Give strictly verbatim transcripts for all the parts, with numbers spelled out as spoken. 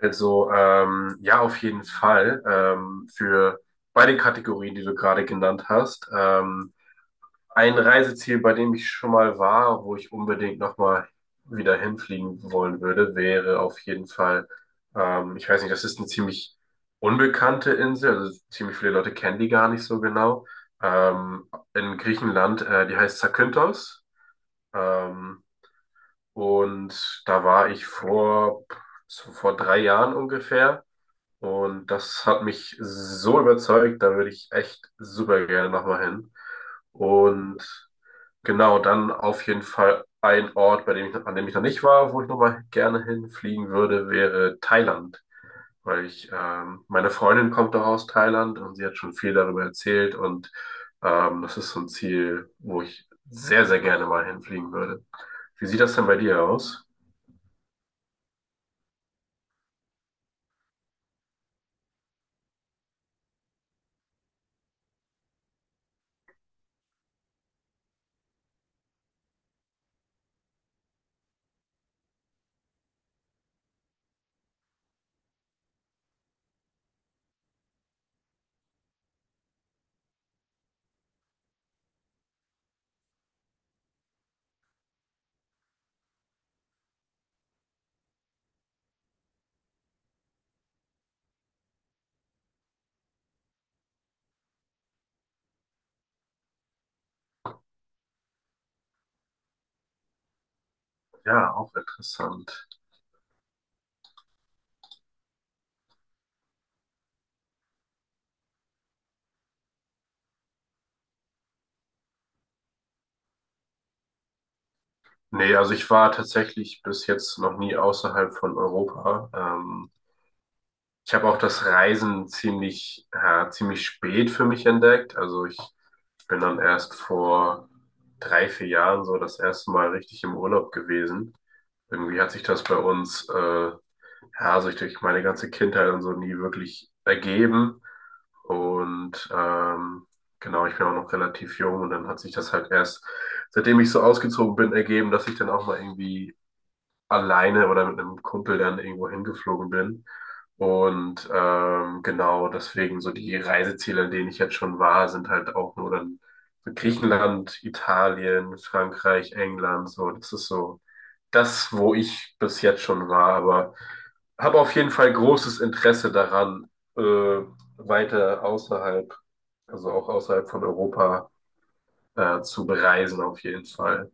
Also ähm, ja, auf jeden Fall ähm, für beide Kategorien, die du gerade genannt hast. Ähm, ein Reiseziel, bei dem ich schon mal war, wo ich unbedingt nochmal wieder hinfliegen wollen würde, wäre auf jeden Fall ähm, ich weiß nicht, das ist eine ziemlich unbekannte Insel, also ziemlich viele Leute kennen die gar nicht so genau. Ähm, in Griechenland, äh, die heißt Zakynthos. Ähm, und da war ich vor, vor drei Jahren ungefähr. Und das hat mich so überzeugt, da würde ich echt super gerne nochmal hin. Und genau, dann auf jeden Fall ein Ort, bei dem ich, an dem ich noch nicht war, wo ich nochmal gerne hinfliegen würde, wäre Thailand. Weil ich, ähm, meine Freundin kommt doch aus Thailand und sie hat schon viel darüber erzählt und ähm, das ist so ein Ziel, wo ich sehr, sehr gerne mal hinfliegen würde. Wie sieht das denn bei dir aus? Ja, auch interessant. Nee, also ich war tatsächlich bis jetzt noch nie außerhalb von Europa. Ähm, ich habe auch das Reisen ziemlich, ja, ziemlich spät für mich entdeckt. Also ich bin dann erst vor drei, vier Jahren so das erste Mal richtig im Urlaub gewesen. Irgendwie hat sich das bei uns, äh, ja, sich durch meine ganze Kindheit und so nie wirklich ergeben. Und ähm, genau, ich bin auch noch relativ jung und dann hat sich das halt erst, seitdem ich so ausgezogen bin, ergeben, dass ich dann auch mal irgendwie alleine oder mit einem Kumpel dann irgendwo hingeflogen bin. Und ähm, genau deswegen so die Reiseziele, an denen ich jetzt schon war, sind halt auch nur dann so Griechenland, Italien, Frankreich, England, so. Das ist so das, wo ich bis jetzt schon war, aber habe auf jeden Fall großes Interesse daran, äh, weiter außerhalb, also auch außerhalb von Europa, äh, zu bereisen, auf jeden Fall.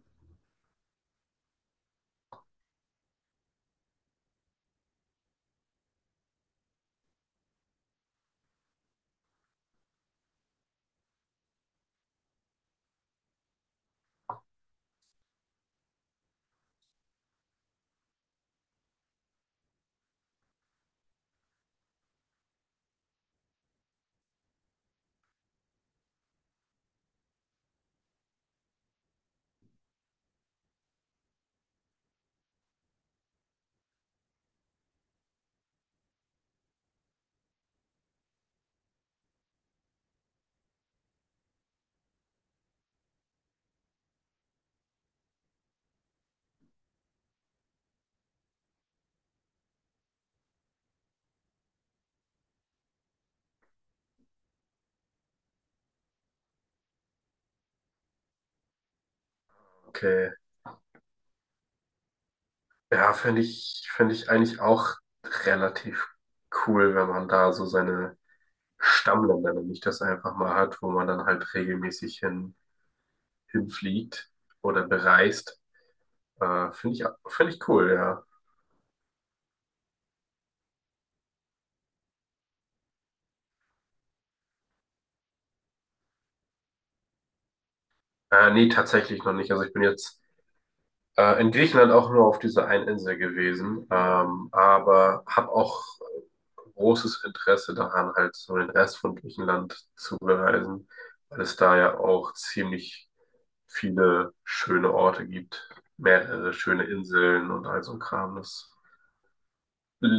Okay. Ja, finde ich, finde ich eigentlich auch relativ cool, wenn man da so seine Stammländer, wenn ich das einfach mal hat, wo man dann halt regelmäßig hin, hinfliegt oder bereist. Äh, finde ich, finde ich cool, ja. Äh, nee, tatsächlich noch nicht. Also ich bin jetzt äh, in Griechenland auch nur auf dieser einen Insel gewesen, ähm, aber habe auch großes Interesse daran, halt so den Rest von Griechenland zu bereisen, weil es da ja auch ziemlich viele schöne Orte gibt, mehrere schöne Inseln und all so ein Kram. Das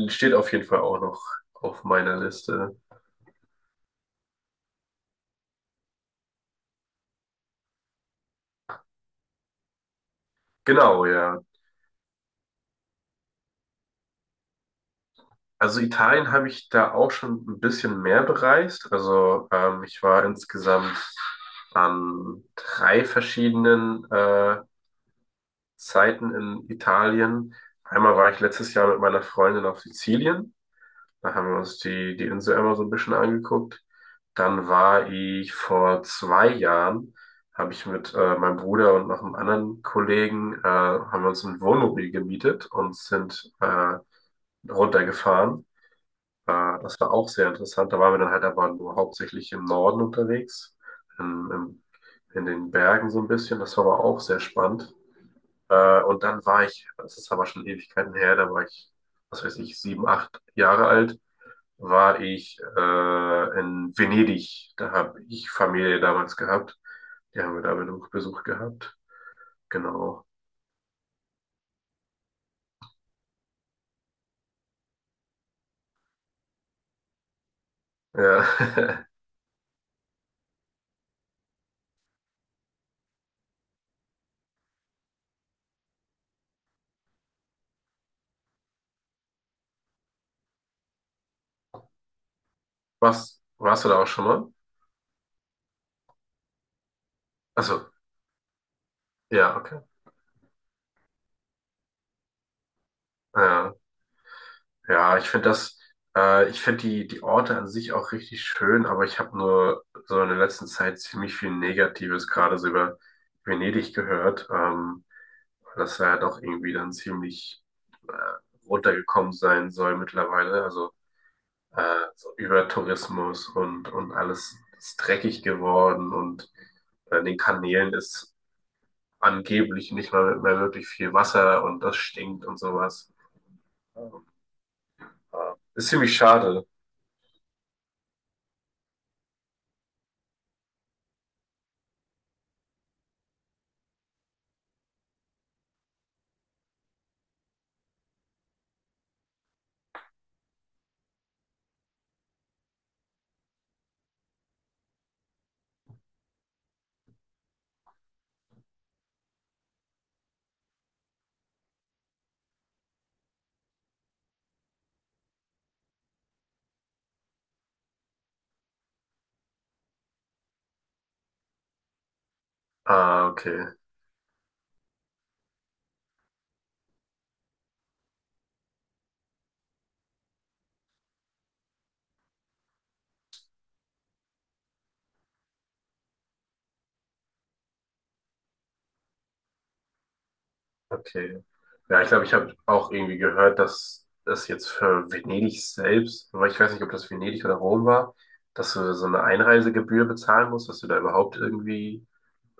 steht auf jeden Fall auch noch auf meiner Liste. Genau, ja. Also Italien habe ich da auch schon ein bisschen mehr bereist. Also ähm, ich war insgesamt an drei verschiedenen äh, Zeiten in Italien. Einmal war ich letztes Jahr mit meiner Freundin auf Sizilien. Da haben wir uns die, die Insel einmal so ein bisschen angeguckt. Dann war ich vor zwei Jahren, habe ich mit äh, meinem Bruder und noch einem anderen Kollegen, äh, haben wir uns ein Wohnmobil gemietet und sind äh, runtergefahren. Äh, das war auch sehr interessant. Da waren wir dann halt aber nur hauptsächlich im Norden unterwegs, in, im, in den Bergen so ein bisschen. Das war aber auch sehr spannend. Äh, und dann war ich, das ist aber schon Ewigkeiten her, da war ich, was weiß ich, sieben, acht Jahre alt war ich äh, in Venedig. Da habe ich Familie damals gehabt. Die haben wir da Besuch, Besuch gehabt. Genau. Ja. Was, warst du da auch schon mal? Also, ja, okay. Ja, ja, ich finde das, äh, ich finde die, die Orte an sich auch richtig schön, aber ich habe nur so in der letzten Zeit ziemlich viel Negatives gerade so über Venedig gehört, ähm, weil das ja doch irgendwie dann ziemlich äh, runtergekommen sein soll mittlerweile. Also äh, so Übertourismus und, und alles ist dreckig geworden und an den Kanälen ist angeblich nicht mal mehr wirklich viel Wasser und das stinkt und sowas. Äh, Ist ziemlich schade. Ah, okay, okay. Ja, ich glaube, ich habe auch irgendwie gehört, dass das jetzt für Venedig selbst, aber ich weiß nicht, ob das Venedig oder Rom war, dass du so eine Einreisegebühr bezahlen musst, dass du da überhaupt irgendwie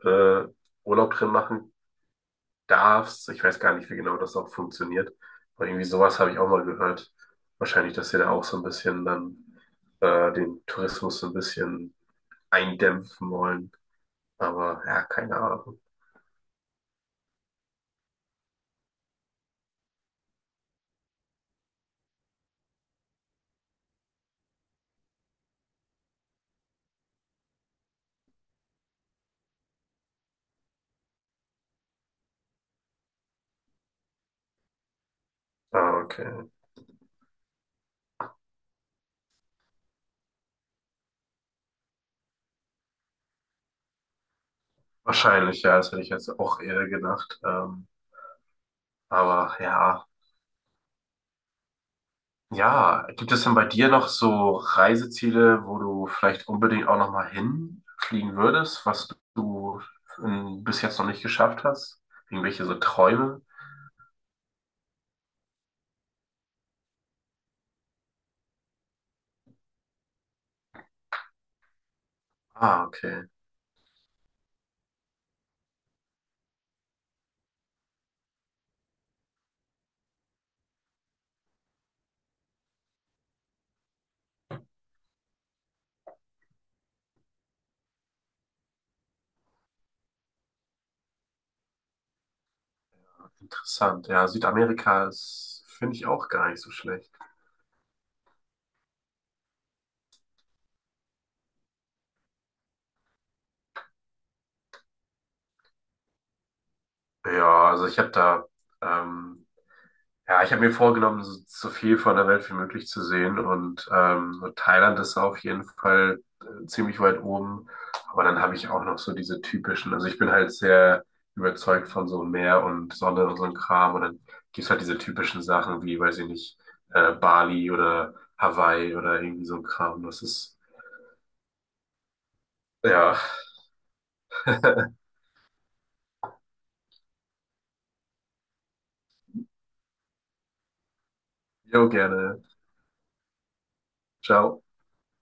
äh, Urlaub drin machen darfst. Ich weiß gar nicht, wie genau das auch funktioniert. Aber irgendwie sowas habe ich auch mal gehört. Wahrscheinlich, dass sie da auch so ein bisschen dann äh, den Tourismus so ein bisschen eindämpfen wollen. Aber ja, keine Ahnung. Ah, okay. Wahrscheinlich, ja, das hätte ich jetzt auch eher gedacht. Ähm, aber ja. Ja, gibt es denn bei dir noch so Reiseziele, wo du vielleicht unbedingt auch nochmal hinfliegen würdest, was du ähm, bis jetzt noch nicht geschafft hast? Irgendwelche so Träume? Ah, okay. Interessant. Ja, Südamerika ist, finde ich auch gar nicht so schlecht. Ja, also ich habe da, ähm, ja, ich habe mir vorgenommen, so, so viel von der Welt wie möglich zu sehen und ähm, so Thailand ist auf jeden Fall äh, ziemlich weit oben. Aber dann habe ich auch noch so diese typischen, also ich bin halt sehr überzeugt von so Meer und Sonne und so ein Kram und dann gibt's halt diese typischen Sachen wie, weiß ich nicht, äh, Bali oder Hawaii oder irgendwie so ein Kram. Das ist, ja, jo, gerne. Ciao.